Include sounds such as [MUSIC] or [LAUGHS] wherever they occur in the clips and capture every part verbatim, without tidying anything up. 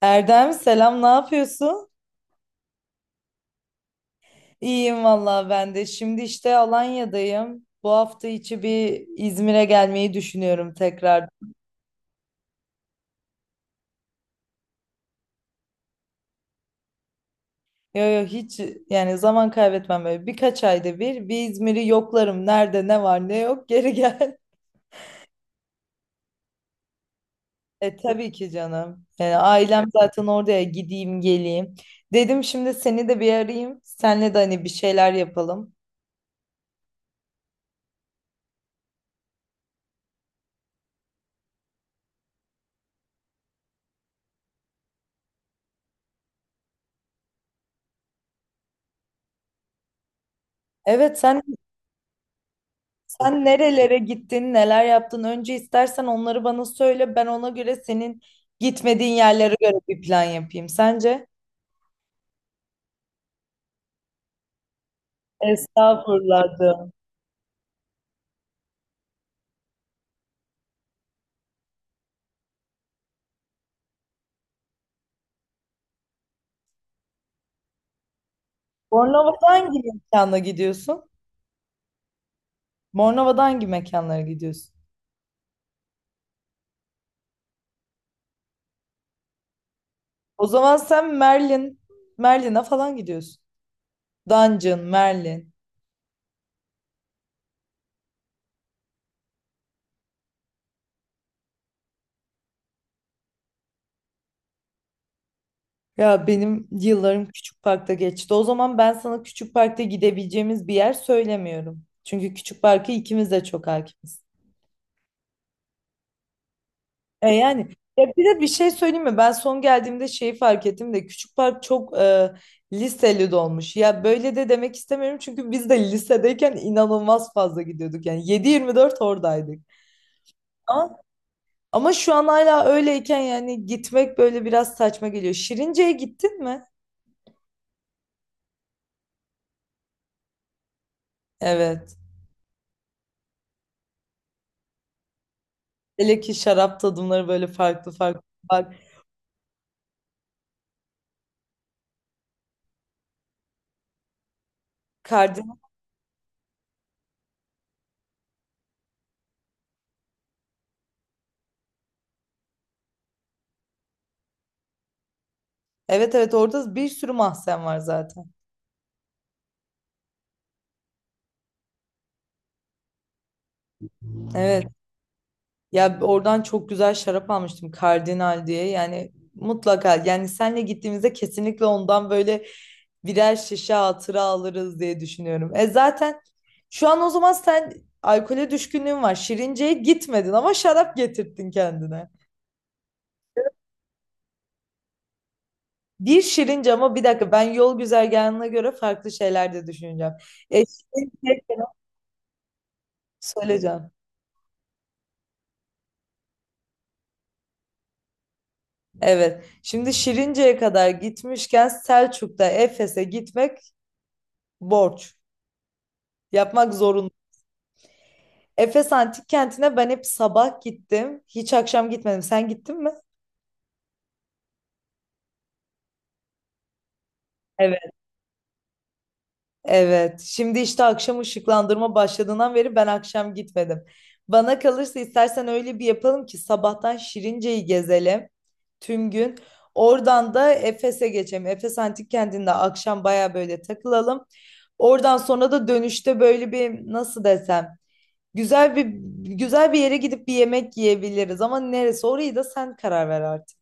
Erdem selam ne yapıyorsun? İyiyim vallahi ben de. Şimdi işte Alanya'dayım. Bu hafta içi bir İzmir'e gelmeyi düşünüyorum tekrar. Yo yo, hiç yani zaman kaybetmem böyle. Birkaç ayda bir bir İzmir'i yoklarım. Nerede ne var ne yok geri gel. [LAUGHS] E tabii ki canım. Yani ailem zaten oraya gideyim geleyim. Dedim şimdi seni de bir arayayım. Senle de hani bir şeyler yapalım. Evet, sen sen nerelere gittin, neler yaptın? Önce istersen onları bana söyle. Ben ona göre senin gitmediğin yerlere göre bir plan yapayım. Sence? Estağfurullah, canım. Bornova'da hangi mekana gidiyorsun? Bornova'da hangi mekanlara gidiyorsun? O zaman sen Merlin, Merlin'e falan gidiyorsun. Dungeon, Merlin. Ya benim yıllarım Küçük Park'ta geçti. O zaman ben sana Küçük Park'ta gidebileceğimiz bir yer söylemiyorum. Çünkü Küçük Park'ı ikimiz de çok hakimiz. E yani, ya bir de bir şey söyleyeyim mi? Ben son geldiğimde şeyi fark ettim de küçük park çok e, liseli dolmuş. Ya böyle de demek istemiyorum çünkü biz de lisedeyken inanılmaz fazla gidiyorduk. Yani yedi yirmi dört oradaydık. Ama, ama şu an hala öyleyken yani gitmek böyle biraz saçma geliyor. Şirince'ye gittin mi? Evet. Hele ki şarap tadımları böyle farklı farklı var. Kardinal. Evet, evet, orada bir sürü mahzen var zaten. Evet. Ya oradan çok güzel şarap almıştım, Kardinal diye. Yani mutlaka, yani senle gittiğimizde kesinlikle ondan böyle birer şişe hatıra alırız diye düşünüyorum. E zaten şu an o zaman sen alkole düşkünlüğün var. Şirince'ye gitmedin ama şarap getirttin kendine. Bir Şirince, ama bir dakika, ben yol güzergahına göre farklı şeyler de düşüneceğim. E, Şirince söyleyeceğim. Evet. Şimdi Şirince'ye kadar gitmişken Selçuk'ta Efes'e gitmek borç. Yapmak zorunda. Efes Antik Kenti'ne ben hep sabah gittim. Hiç akşam gitmedim. Sen gittin mi? Evet. Evet. Şimdi işte akşam ışıklandırma başladığından beri ben akşam gitmedim. Bana kalırsa istersen öyle bir yapalım ki sabahtan Şirince'yi gezelim tüm gün. Oradan da Efes'e geçelim. Efes Antik Kenti'nde akşam baya böyle takılalım. Oradan sonra da dönüşte böyle bir nasıl desem güzel bir güzel bir yere gidip bir yemek yiyebiliriz ama neresi, orayı da sen karar ver artık.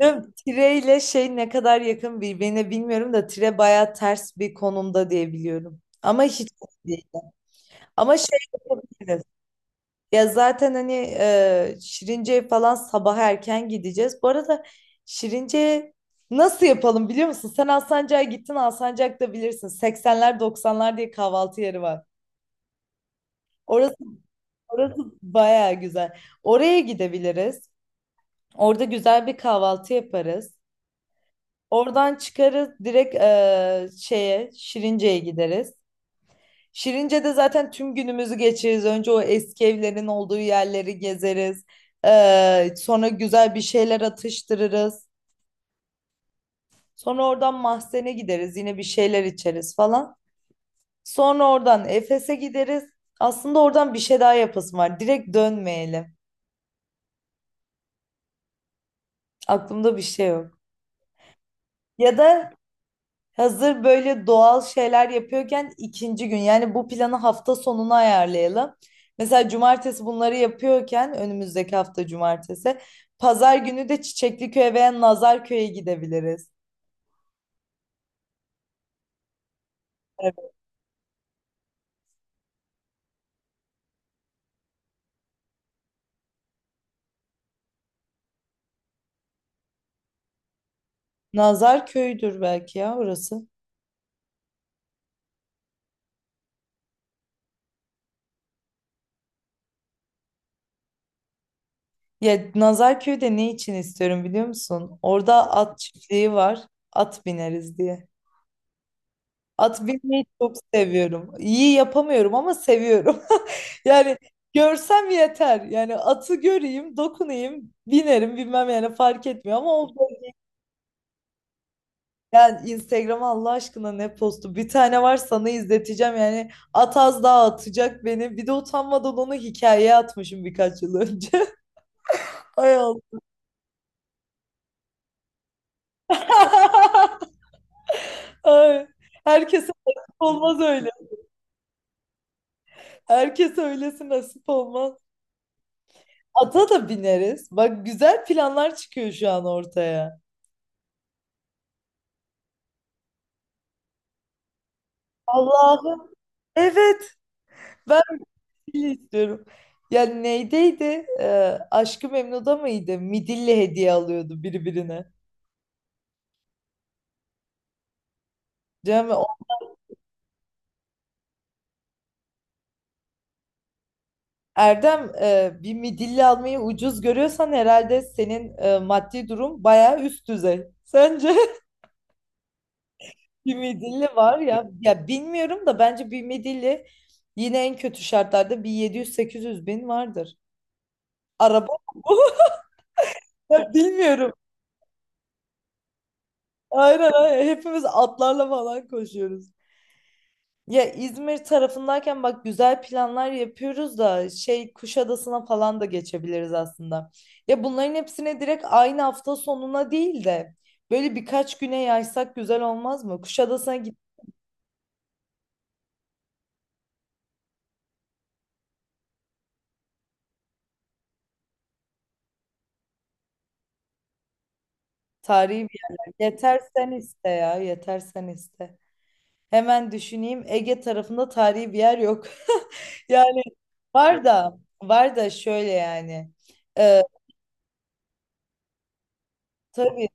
Değil mi? Tire ile şey ne kadar yakın birbirine bilmiyorum da tire baya ters bir konumda diye biliyorum. Ama hiç değil. Ama şey yapabiliriz. Ya zaten hani e, Şirince'ye falan sabah erken gideceğiz. Bu arada Şirince'ye nasıl yapalım biliyor musun? Sen Alsancak'a gittin, Alsancak'ta bilirsin. seksenler doksanlar diye kahvaltı yeri var. Orası, orası baya güzel. Oraya gidebiliriz. Orada güzel bir kahvaltı yaparız. Oradan çıkarız direkt eee, şeye, Şirince'ye gideriz. Şirince'de zaten tüm günümüzü geçiririz. Önce o eski evlerin olduğu yerleri gezeriz. Eee, sonra güzel bir şeyler atıştırırız. Sonra oradan Mahzen'e gideriz. Yine bir şeyler içeriz falan. Sonra oradan Efes'e gideriz. Aslında oradan bir şey daha yapasım var. Direkt dönmeyelim. Aklımda bir şey yok. Ya da Hazır böyle doğal şeyler yapıyorken ikinci gün, yani bu planı hafta sonuna ayarlayalım. Mesela cumartesi bunları yapıyorken önümüzdeki hafta cumartesi, pazar günü de Çiçekliköy'e veya Nazarköy'e gidebiliriz. Evet. Nazarköy'dür belki ya orası. Ya Nazarköy'de ne için istiyorum biliyor musun? Orada at çiftliği var. At bineriz diye. At binmeyi çok seviyorum. İyi yapamıyorum ama seviyorum. Yani görsem yeter. Yani atı göreyim, dokunayım, binerim bilmem yani fark etmiyor, ama o, yani Instagram'a Allah aşkına ne postu. Bir tane var sana izleteceğim, yani at az daha atacak beni. Bir de utanmadan onu hikayeye atmışım birkaç yıl önce. [LAUGHS] Ay Allah. [LAUGHS] Ay. Herkese nasip olmaz öyle. Herkese öylesi nasip olmaz. Ata da bineriz. Bak güzel planlar çıkıyor şu an ortaya. Allah'ım. Evet. Midilli istiyorum. Ya neydeydi? Ee, Aşk-ı Memnu'da mıydı? Midilli hediye alıyordu birbirine. Cem, o- Erdem, e, bir midilli almayı ucuz görüyorsan herhalde senin e, maddi durum bayağı üst düzey. Sence [LAUGHS] bir midilli var ya. Ya bilmiyorum da bence bir midilli yine en kötü şartlarda bir yedi yüz sekiz yüz bin vardır. Araba [LAUGHS] bu. Ya bilmiyorum. Aynen, aynen. Hepimiz atlarla falan koşuyoruz. Ya İzmir tarafındayken bak güzel planlar yapıyoruz da şey Kuşadası'na falan da geçebiliriz aslında. Ya bunların hepsine direkt aynı hafta sonuna değil de böyle birkaç güne yaysak güzel olmaz mı? Kuşadası'na git Tarihi bir yerler. Yeter sen iste ya, yeter sen iste. Hemen düşüneyim. Ege tarafında tarihi bir yer yok. [LAUGHS] Yani var da var da şöyle yani. Ee, tabii,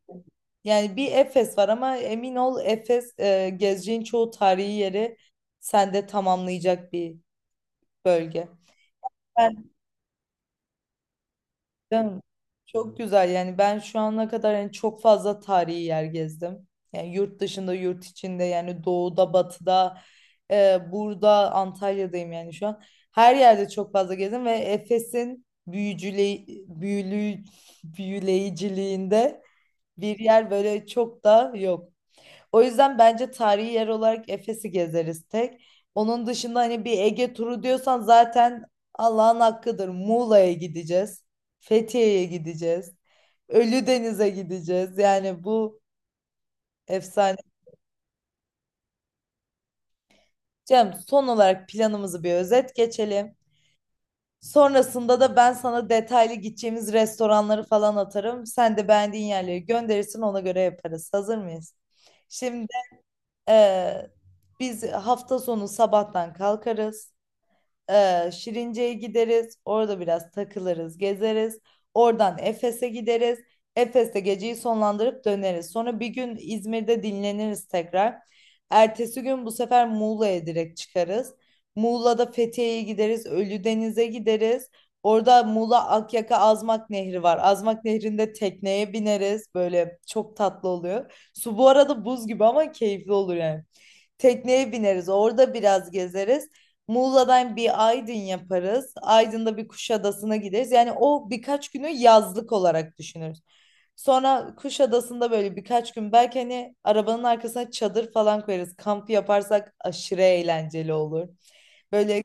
yani bir Efes var ama emin ol Efes, e, gezeceğin çoğu tarihi yeri sende tamamlayacak bir bölge. Ben ben- Çok güzel, yani ben şu ana kadar yani çok fazla tarihi yer gezdim. Yani yurt dışında, yurt içinde, yani doğuda batıda, e, burada Antalya'dayım yani şu an. Her yerde çok fazla gezdim ve Efes'in büyücüle büyülü büyüleyiciliğinde bir yer böyle çok da yok. O yüzden bence tarihi yer olarak Efes'i gezeriz tek. Onun dışında hani bir Ege turu diyorsan zaten Allah'ın hakkıdır. Muğla'ya gideceğiz. Fethiye'ye gideceğiz. Ölüdeniz'e gideceğiz. Yani bu efsane. Cem, son olarak planımızı bir özet geçelim. Sonrasında da ben sana detaylı gideceğimiz restoranları falan atarım. Sen de beğendiğin yerleri gönderirsin, ona göre yaparız. Hazır mıyız? Şimdi eee, biz hafta sonu sabahtan kalkarız. Ee, Şirince'ye gideriz. Orada biraz takılırız, gezeriz. Oradan Efes'e gideriz. Efes'te geceyi sonlandırıp döneriz. Sonra bir gün İzmir'de dinleniriz tekrar. Ertesi gün bu sefer Muğla'ya direkt çıkarız. Muğla'da Fethiye'ye gideriz. Ölüdeniz'e gideriz. Orada Muğla Akyaka Azmak Nehri var. Azmak Nehri'nde tekneye bineriz. Böyle çok tatlı oluyor. Su bu arada buz gibi ama keyifli olur yani. Tekneye bineriz. Orada biraz gezeriz. Muğla'dan bir Aydın yaparız. Aydın'da bir Kuşadası'na gideriz. Yani o birkaç günü yazlık olarak düşünürüz. Sonra Kuşadası'nda böyle birkaç gün belki hani arabanın arkasına çadır falan koyarız. Kamp yaparsak aşırı eğlenceli olur. Böyle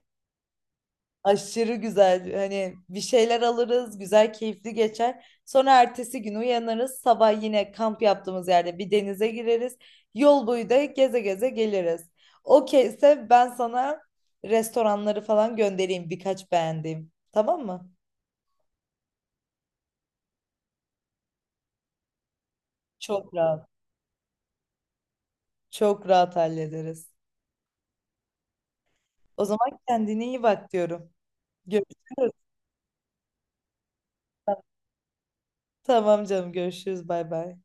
aşırı güzel. Hani bir şeyler alırız, güzel, keyifli geçer. Sonra ertesi gün uyanırız. Sabah yine kamp yaptığımız yerde bir denize gireriz. Yol boyu da geze geze geliriz. Okeyse ben sana restoranları falan göndereyim, birkaç beğendiğim. Tamam mı? Çok rahat. Çok rahat hallederiz. O zaman kendine iyi bak diyorum. Görüşürüz. Tamam canım, görüşürüz. Bay bay.